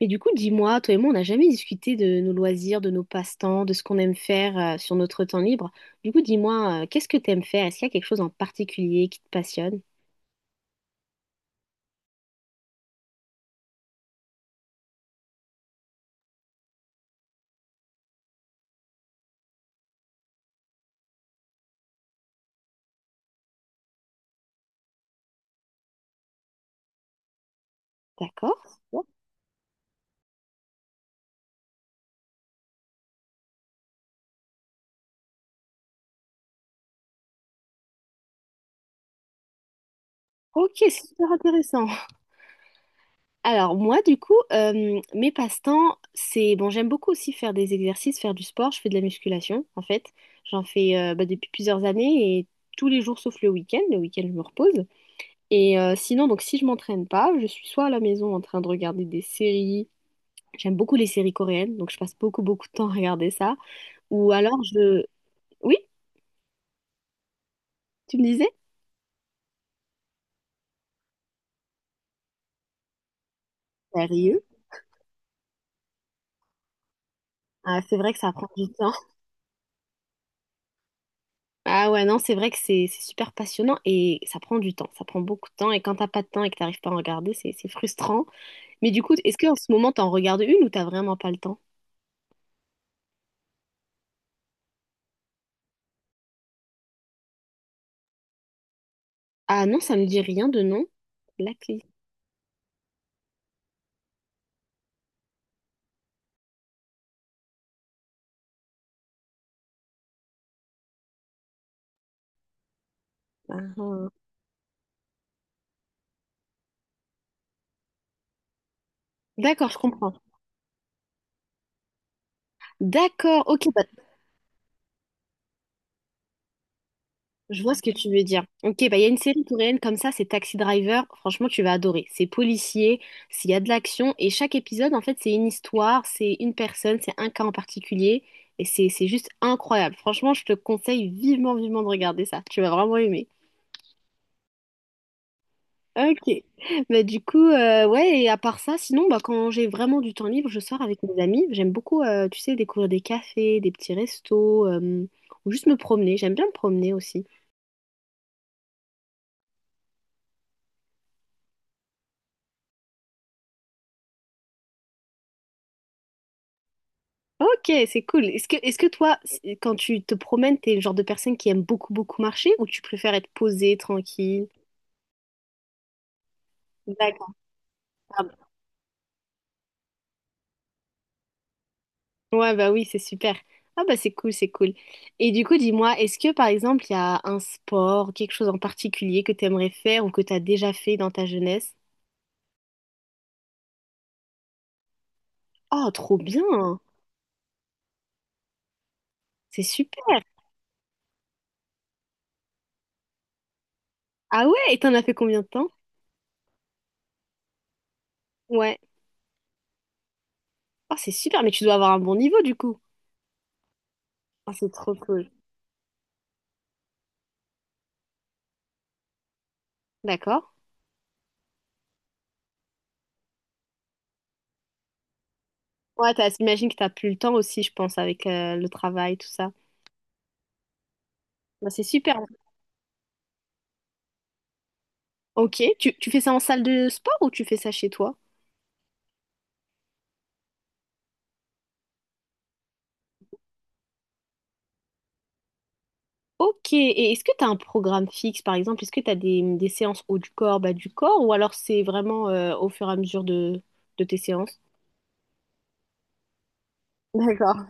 Et du coup, dis-moi, toi et moi, on n'a jamais discuté de nos loisirs, de nos passe-temps, de ce qu'on aime faire sur notre temps libre. Du coup, dis-moi, qu'est-ce que tu aimes faire? Est-ce qu'il y a quelque chose en particulier qui te passionne? D'accord? Ok, c'est super intéressant. Alors moi, du coup, mes passe-temps, c'est... Bon, j'aime beaucoup aussi faire des exercices, faire du sport. Je fais de la musculation, en fait. J'en fais bah, depuis plusieurs années et tous les jours sauf le week-end. Le week-end, je me repose. Et sinon, donc si je m'entraîne pas, je suis soit à la maison en train de regarder des séries. J'aime beaucoup les séries coréennes, donc je passe beaucoup, beaucoup de temps à regarder ça. Ou alors je... Oui, tu me disais? Sérieux? Ah, c'est vrai que ça prend du temps. Ah ouais, non, c'est vrai que c'est super passionnant et ça prend du temps. Ça prend beaucoup de temps et quand t'as pas de temps et que t'arrives pas à en regarder, c'est frustrant. Mais du coup, est-ce qu'en ce moment, t'en regardes une ou t'as vraiment pas le temps? Ah non, ça me dit rien de non. Blacklist. Ah, ah. D'accord, je comprends. D'accord, ok, bah, je vois ce que tu veux dire. Ok, bah il y a une série coréenne comme ça, c'est Taxi Driver. Franchement, tu vas adorer. C'est policier, s'il y a de l'action, et chaque épisode, en fait, c'est une histoire, c'est une personne, c'est un cas en particulier, et c'est juste incroyable. Franchement, je te conseille vivement, vivement de regarder ça. Tu vas vraiment aimer. Ok. Bah du coup, ouais. Et à part ça, sinon, bah quand j'ai vraiment du temps libre, je sors avec mes amis. J'aime beaucoup, tu sais, découvrir des cafés, des petits restos, ou juste me promener. J'aime bien me promener aussi. Ok, c'est cool. Est-ce que toi, quand tu te promènes, t'es le genre de personne qui aime beaucoup, beaucoup marcher ou tu préfères être posée, tranquille? D'accord. Ah bah. Ouais, bah oui, c'est super. Ah bah c'est cool, c'est cool. Et du coup, dis-moi, est-ce que par exemple, il y a un sport, quelque chose en particulier que tu aimerais faire ou que tu as déjà fait dans ta jeunesse? Oh, trop bien! C'est super! Ah ouais, et t'en as fait combien de temps? Ouais. Oh, c'est super, mais tu dois avoir un bon niveau du coup. Oh, c'est trop cool. D'accord. Ouais, j'imagine que t'as plus le temps aussi, je pense, avec le travail, tout ça. Bah, c'est super. Ok, tu fais ça en salle de sport ou tu fais ça chez toi? Ok, et est-ce que tu as un programme fixe, par exemple? Est-ce que tu as des séances haut du corps, bas du corps, ou alors c'est vraiment au fur et à mesure de tes séances? D'accord.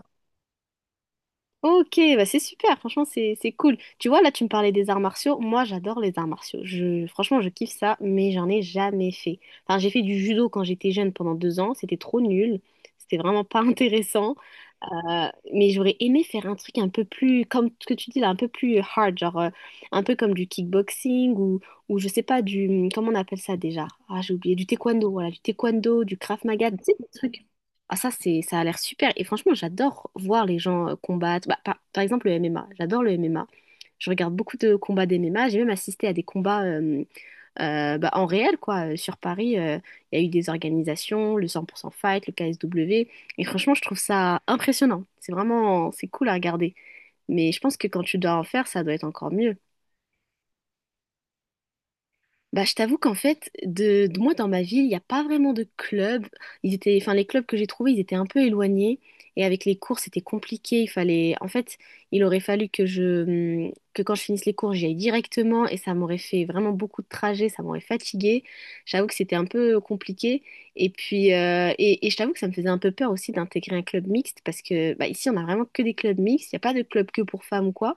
Ok, bah c'est super, franchement c'est cool. Tu vois, là tu me parlais des arts martiaux, moi j'adore les arts martiaux. Je, franchement je kiffe ça, mais j'en ai jamais fait. Enfin j'ai fait du judo quand j'étais jeune pendant deux ans, c'était trop nul, c'était vraiment pas intéressant. Euh, mais j'aurais aimé faire un truc un peu plus, comme ce que tu dis là, un peu plus hard, genre un peu comme du kickboxing ou je sais pas, comment on appelle ça déjà? Ah, j'ai oublié, du taekwondo, voilà, du taekwondo, du Krav Maga. Tu sais. Ah, ça, c'est, ça a l'air super. Et franchement, j'adore voir les gens combattre. Bah, par exemple, le MMA, j'adore le MMA. Je regarde beaucoup de combats d'MMA, j'ai même assisté à des combats bah, en réel, quoi. Sur Paris, il y a eu des organisations, le 100% Fight, le KSW. Et franchement, je trouve ça impressionnant. C'est vraiment, c'est cool à regarder. Mais je pense que quand tu dois en faire, ça doit être encore mieux. Bah, je t'avoue qu'en fait, moi dans ma ville, il n'y a pas vraiment de club. Ils étaient, enfin, les clubs que j'ai trouvés, ils étaient un peu éloignés. Et avec les cours, c'était compliqué. Il fallait, en fait, il aurait fallu que je, hmm, que quand je finisse les cours, j'y aille directement. Et ça m'aurait fait vraiment beaucoup de trajets. Ça m'aurait fatiguée. J'avoue que c'était un peu compliqué. Et puis, et je t'avoue que ça me faisait un peu peur aussi d'intégrer un club mixte parce que, bah, ici, on a vraiment que des clubs mixtes. Il n'y a pas de club que pour femmes ou quoi.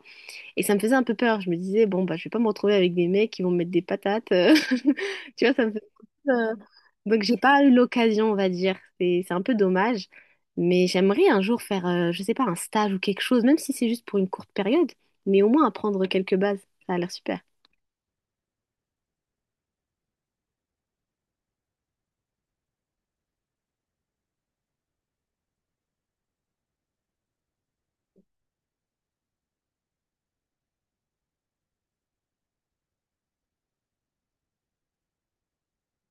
Et ça me faisait un peu peur. Je me disais, bon, bah, je vais pas me retrouver avec des mecs qui vont me mettre des patates. Tu vois, ça me faisait un peu, donc, j'ai pas eu l'occasion, on va dire. C'est un peu dommage. Mais j'aimerais un jour faire, je sais pas, un stage ou quelque chose, même si c'est juste pour une courte période, mais au moins apprendre quelques bases. Ça a l'air super.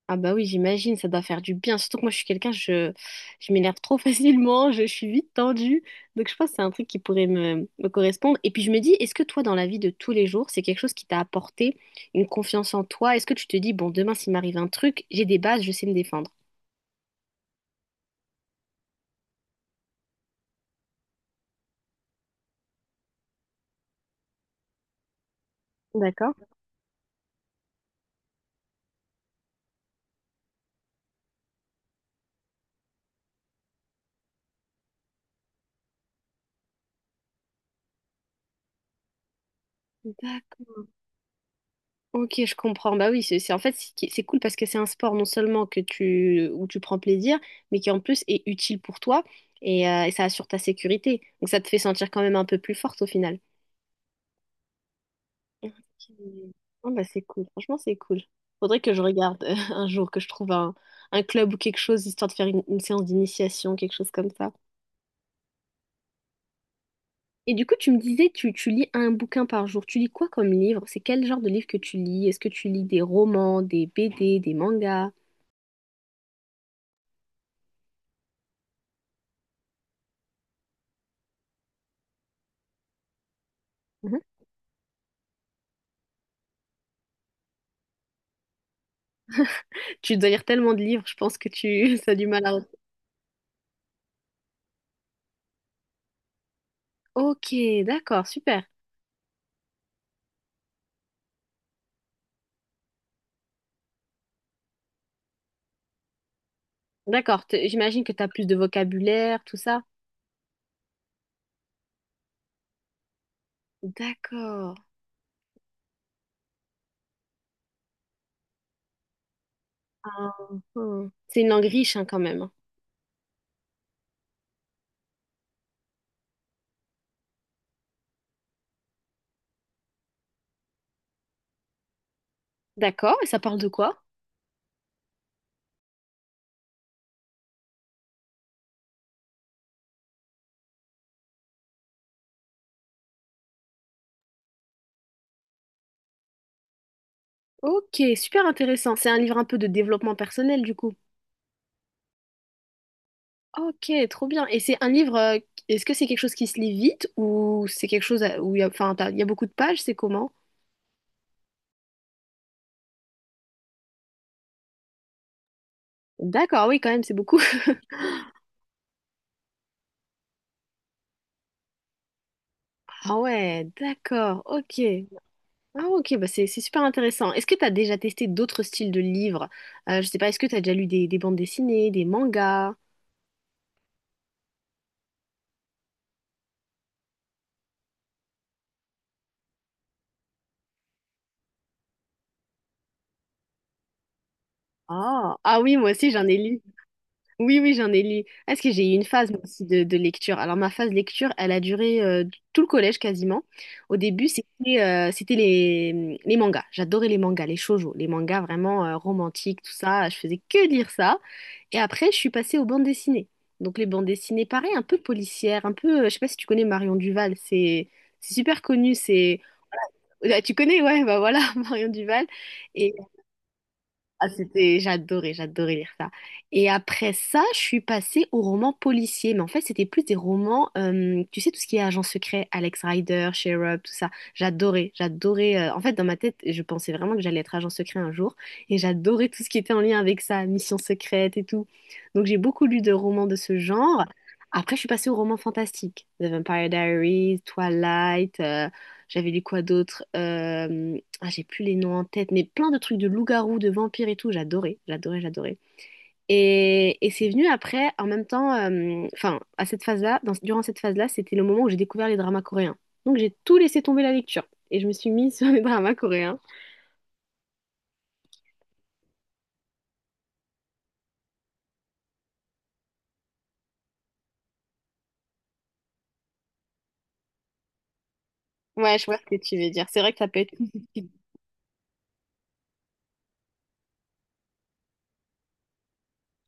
Ah bah oui, j'imagine, ça doit faire du bien. Surtout que moi, je suis quelqu'un, je m'énerve trop facilement, je, suis vite tendue. Donc je pense que c'est un truc qui pourrait me correspondre. Et puis je me dis, est-ce que toi, dans la vie de tous les jours, c'est quelque chose qui t'a apporté une confiance en toi? Est-ce que tu te dis, bon, demain, s'il m'arrive un truc, j'ai des bases, je sais me défendre? D'accord. D'accord. Ok, je comprends. Bah oui, en fait c'est cool parce que c'est un sport non seulement que tu où tu prends plaisir, mais qui en plus est utile pour toi et ça assure ta sécurité. Donc ça te fait sentir quand même un peu plus forte au final. Ok. Oh, bah, c'est cool. Franchement, c'est cool. Faudrait que je regarde un jour, que je trouve un club ou quelque chose, histoire de faire une séance d'initiation, quelque chose comme ça. Et du coup, tu me disais, tu lis un bouquin par jour. Tu lis quoi comme livre? C'est quel genre de livre que tu lis? Est-ce que tu lis des romans, des BD, des mangas? Mhm. Tu dois lire tellement de livres, je pense que tu ça a du mal à... Ok, d'accord, super. D'accord, j'imagine que tu as plus de vocabulaire, tout ça. D'accord. Ah. C'est une langue riche hein, quand même. D'accord, et ça parle de quoi? Ok, super intéressant. C'est un livre un peu de développement personnel, du coup. Ok, trop bien. Et c'est un livre, est-ce que c'est quelque chose qui se lit vite ou c'est quelque chose où il y a, enfin, il y a beaucoup de pages, c'est comment? D'accord, oui, quand même, c'est beaucoup. Ah ouais, d'accord, ok. Ah ok, bah c'est super intéressant. Est-ce que tu as déjà testé d'autres styles de livres? Je sais pas, est-ce que tu as déjà lu des bandes dessinées, des mangas? Ah, ah oui, moi aussi, j'en ai lu. Oui, oui, j'en ai lu. Ah, parce que j'ai eu une phase moi aussi de lecture. Alors ma phase lecture, elle a duré tout le collège quasiment. Au début, c'était c'était les mangas. J'adorais les mangas, les shoujo, les mangas vraiment romantiques, tout ça. Je faisais que lire ça. Et après, je suis passée aux bandes dessinées. Donc les bandes dessinées, pareil, un peu policières, un peu. Je sais pas si tu connais Marion Duval. C'est super connu. C'est. Ah, tu connais, ouais, bah voilà, Marion Duval. Ah, c'était, j'adorais, j'adorais lire ça. Et après ça, je suis passée aux romans policiers. Mais en fait, c'était plus des romans, tu sais, tout ce qui est agent secret, Alex Rider, Sherlock, tout ça. J'adorais, j'adorais. En fait, dans ma tête, je pensais vraiment que j'allais être agent secret un jour. Et j'adorais tout ce qui était en lien avec ça, Mission secrète et tout. Donc, j'ai beaucoup lu de romans de ce genre. Après, je suis passée aux romans fantastiques. The Vampire Diaries, Twilight, j'avais lu quoi d'autre? Ah, j'ai plus les noms en tête, mais plein de trucs de loups-garous, de vampires et tout, j'adorais, j'adorais, j'adorais. Et c'est venu après, en même temps, enfin, à cette phase-là, durant cette phase-là, c'était le moment où j'ai découvert les dramas coréens. Donc j'ai tout laissé tomber la lecture et je me suis mise sur les dramas coréens. Ouais, je vois ce que tu veux dire. C'est vrai que ça peut être...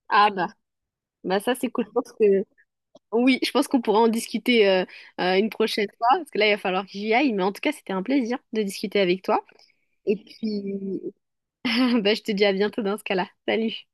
Ah bah, bah ça c'est cool. Je pense que... Oui, je pense qu'on pourra en discuter une prochaine fois, parce que là, il va falloir que j'y aille. Mais en tout cas, c'était un plaisir de discuter avec toi. Et puis, bah, je te dis à bientôt dans ce cas-là. Salut.